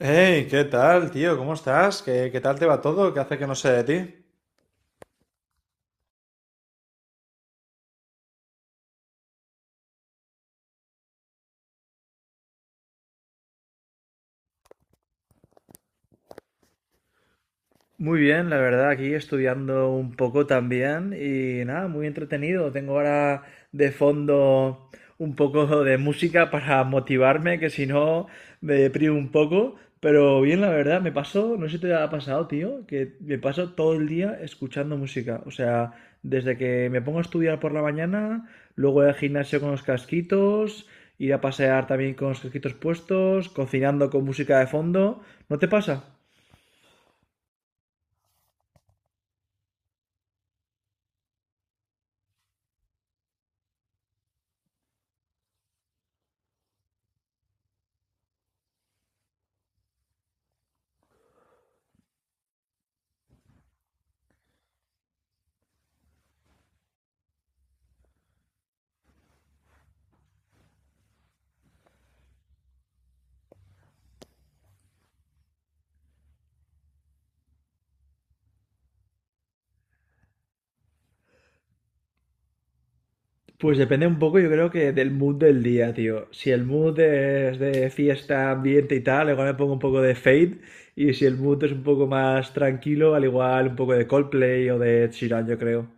Hey, ¿qué tal, tío? ¿Cómo estás? ¿Qué tal te va todo? ¿Qué hace que no sé de ti? Muy bien, también. Y nada, muy entretenido. Tengo ahora de fondo un poco de música para motivarme, que si no me deprimo un poco. Pero bien, la verdad, me pasó, no sé si te ha pasado, tío, que me paso todo el día escuchando música. O sea, desde que me pongo a estudiar por la mañana, luego ir al gimnasio con los casquitos, ir a pasear también con los casquitos puestos, cocinando con música de fondo. ¿No te pasa? Pues depende un poco, yo creo que del mood del día, tío. Si el mood es de fiesta, ambiente y tal, igual me pongo un poco de Fade. Y si el mood es un poco más tranquilo, al igual un poco de Coldplay o de Ed Sheeran, yo creo.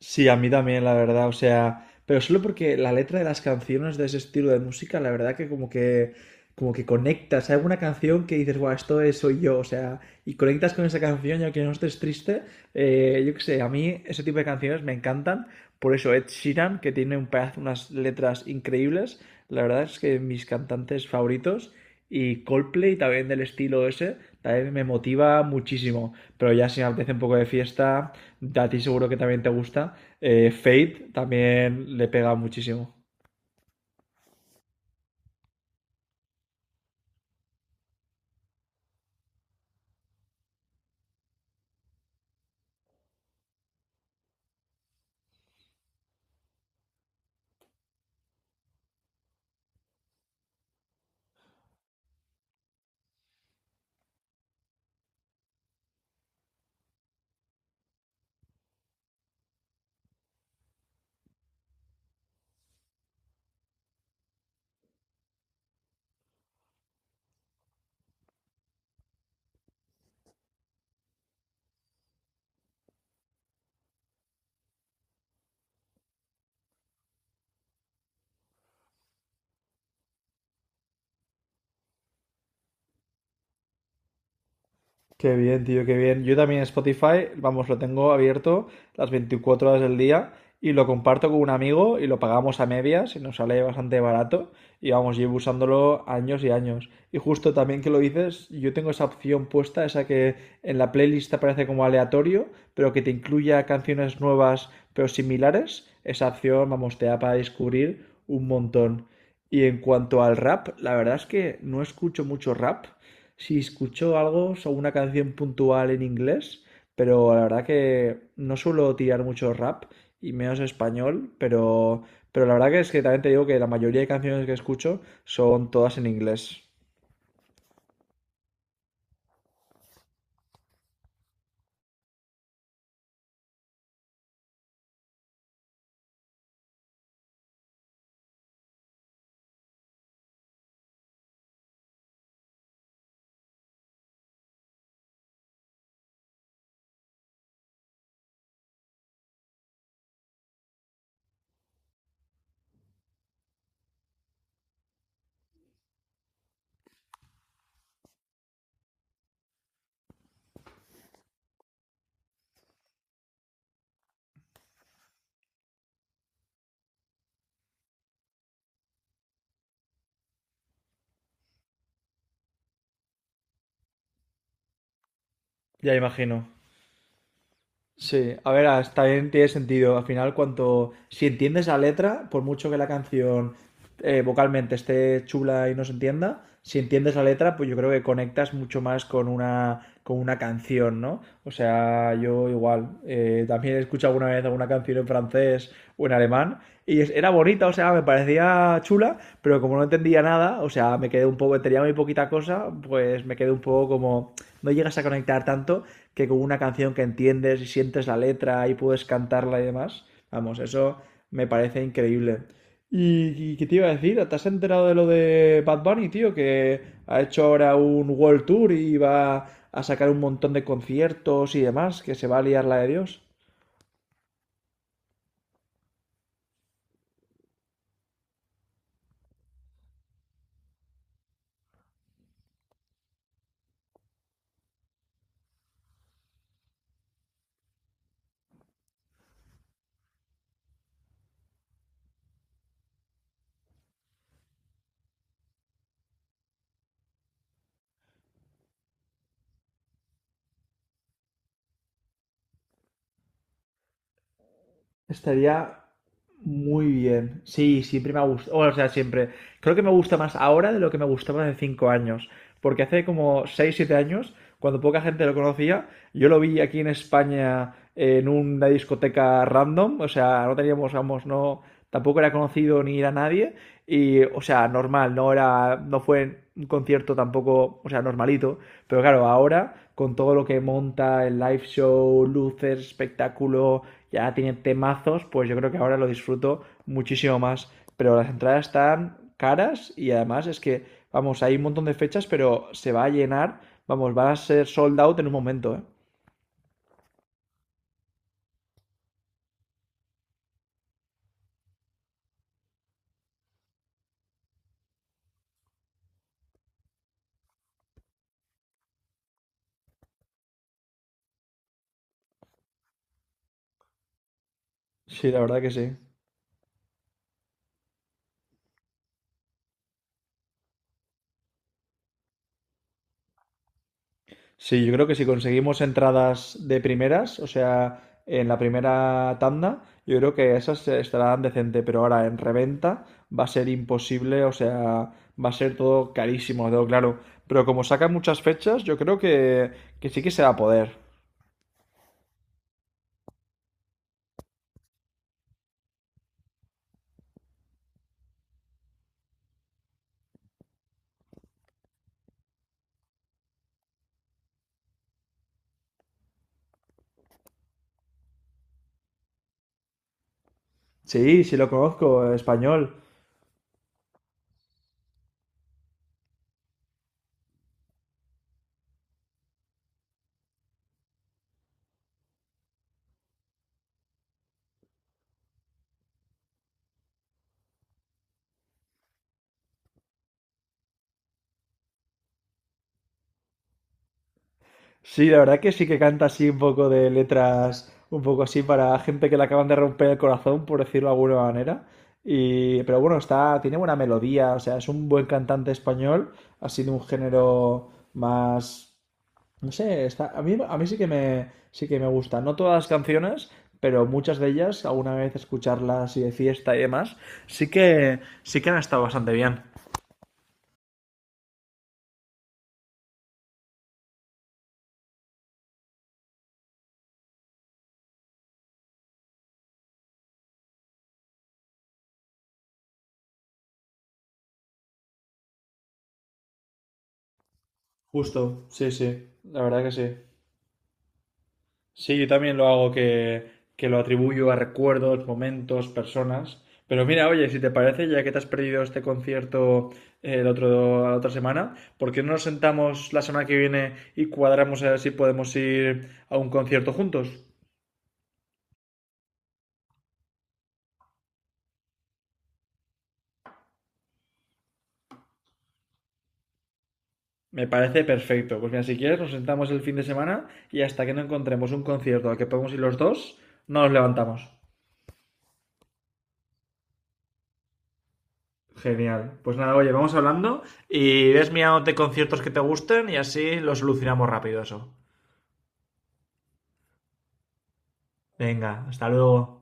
Sí, a mí también, la verdad, o sea, pero solo porque la letra de las canciones de ese estilo de música, la verdad que como que conectas, hay alguna canción que dices, guau, esto es, soy yo, o sea, y conectas con esa canción y aunque no estés triste, yo qué sé, a mí ese tipo de canciones me encantan, por eso Ed Sheeran, que tiene un pedazo, unas letras increíbles, la verdad es que mis cantantes favoritos, y Coldplay también del estilo ese, también me motiva muchísimo, pero ya si me apetece un poco de fiesta a ti seguro que también te gusta. Fate también le pega muchísimo. Qué bien, tío, qué bien. Yo también Spotify, vamos, lo tengo abierto las 24 horas del día y lo comparto con un amigo y lo pagamos a medias y nos sale bastante barato y vamos, llevo usándolo años y años. Y justo también que lo dices, yo tengo esa opción puesta, esa que en la playlist aparece como aleatorio, pero que te incluya canciones nuevas pero similares. Esa opción, vamos, te da para descubrir un montón. Y en cuanto al rap, la verdad es que no escucho mucho rap. Sí, escucho algo o una canción puntual en inglés, pero la verdad que no suelo tirar mucho rap y menos español, pero la verdad que es que también te digo que la mayoría de canciones que escucho son todas en inglés. Ya imagino. Sí, a ver, hasta bien tiene sentido. Al final, cuanto si entiendes la letra, por mucho que la canción vocalmente esté chula y no se entienda, si entiendes la letra, pues yo creo que conectas mucho más con una canción, ¿no? O sea, yo igual también he escuchado alguna vez alguna canción en francés o en alemán y era bonita, o sea, me parecía chula, pero como no entendía nada, o sea, me quedé un poco, tenía muy poquita cosa, pues me quedé un poco como no llegas a conectar tanto que con una canción que entiendes y sientes la letra y puedes cantarla y demás. Vamos, eso me parece increíble. ¿Y qué te iba a decir? ¿Te has enterado de lo de Bad Bunny, tío? Que ha hecho ahora un World Tour y va a sacar un montón de conciertos y demás, que se va a liar la de Dios. Estaría muy bien. Sí, siempre me ha gustado. O sea, siempre. Creo que me gusta más ahora de lo que me gustaba hace 5 años. Porque hace como 6, 7 años, cuando poca gente lo conocía, yo lo vi aquí en España en una discoteca random. O sea, no teníamos, vamos, no. Tampoco era conocido ni era nadie. Y, o sea, normal, no era. No fue un concierto tampoco, o sea, normalito. Pero claro, ahora, con todo lo que monta, el live show, luces, espectáculo, ya tiene temazos, pues yo creo que ahora lo disfruto muchísimo más. Pero las entradas están caras y además es que, vamos, hay un montón de fechas, pero se va a llenar, vamos, va a ser sold out en un momento, ¿eh? Sí, la verdad que sí. Sí, yo creo que si conseguimos entradas de primeras, o sea, en la primera tanda, yo creo que esas estarán decente, pero ahora en reventa va a ser imposible, o sea, va a ser todo carísimo, lo tengo claro. Pero como sacan muchas fechas, yo creo que sí que se va a poder. Sí, sí lo conozco, español. Sí, la verdad que sí que canta así un poco de letras, un poco así para gente que le acaban de romper el corazón, por decirlo de alguna manera. Y, pero bueno, está, tiene buena melodía, o sea, es un buen cantante español, ha sido un género más, no sé, está, a mí sí que me, gusta. No todas las canciones, pero muchas de ellas, alguna vez escucharlas y de fiesta y demás, sí que han estado bastante bien. Justo, sí, sí, la verdad que sí. Sí, yo también lo hago que lo atribuyo a recuerdos, momentos, personas. Pero mira, oye, si te parece, ya que te has perdido este concierto el otro, la otra semana, ¿por qué no nos sentamos la semana que viene y cuadramos a ver si podemos ir a un concierto juntos? Me parece perfecto. Pues mira, si quieres, nos sentamos el fin de semana y hasta que no encontremos un concierto al que podamos ir los dos, no nos levantamos. Genial. Pues nada, oye, vamos hablando y ves mirándote conciertos que te gusten y así lo solucionamos rápido eso. Venga, hasta luego.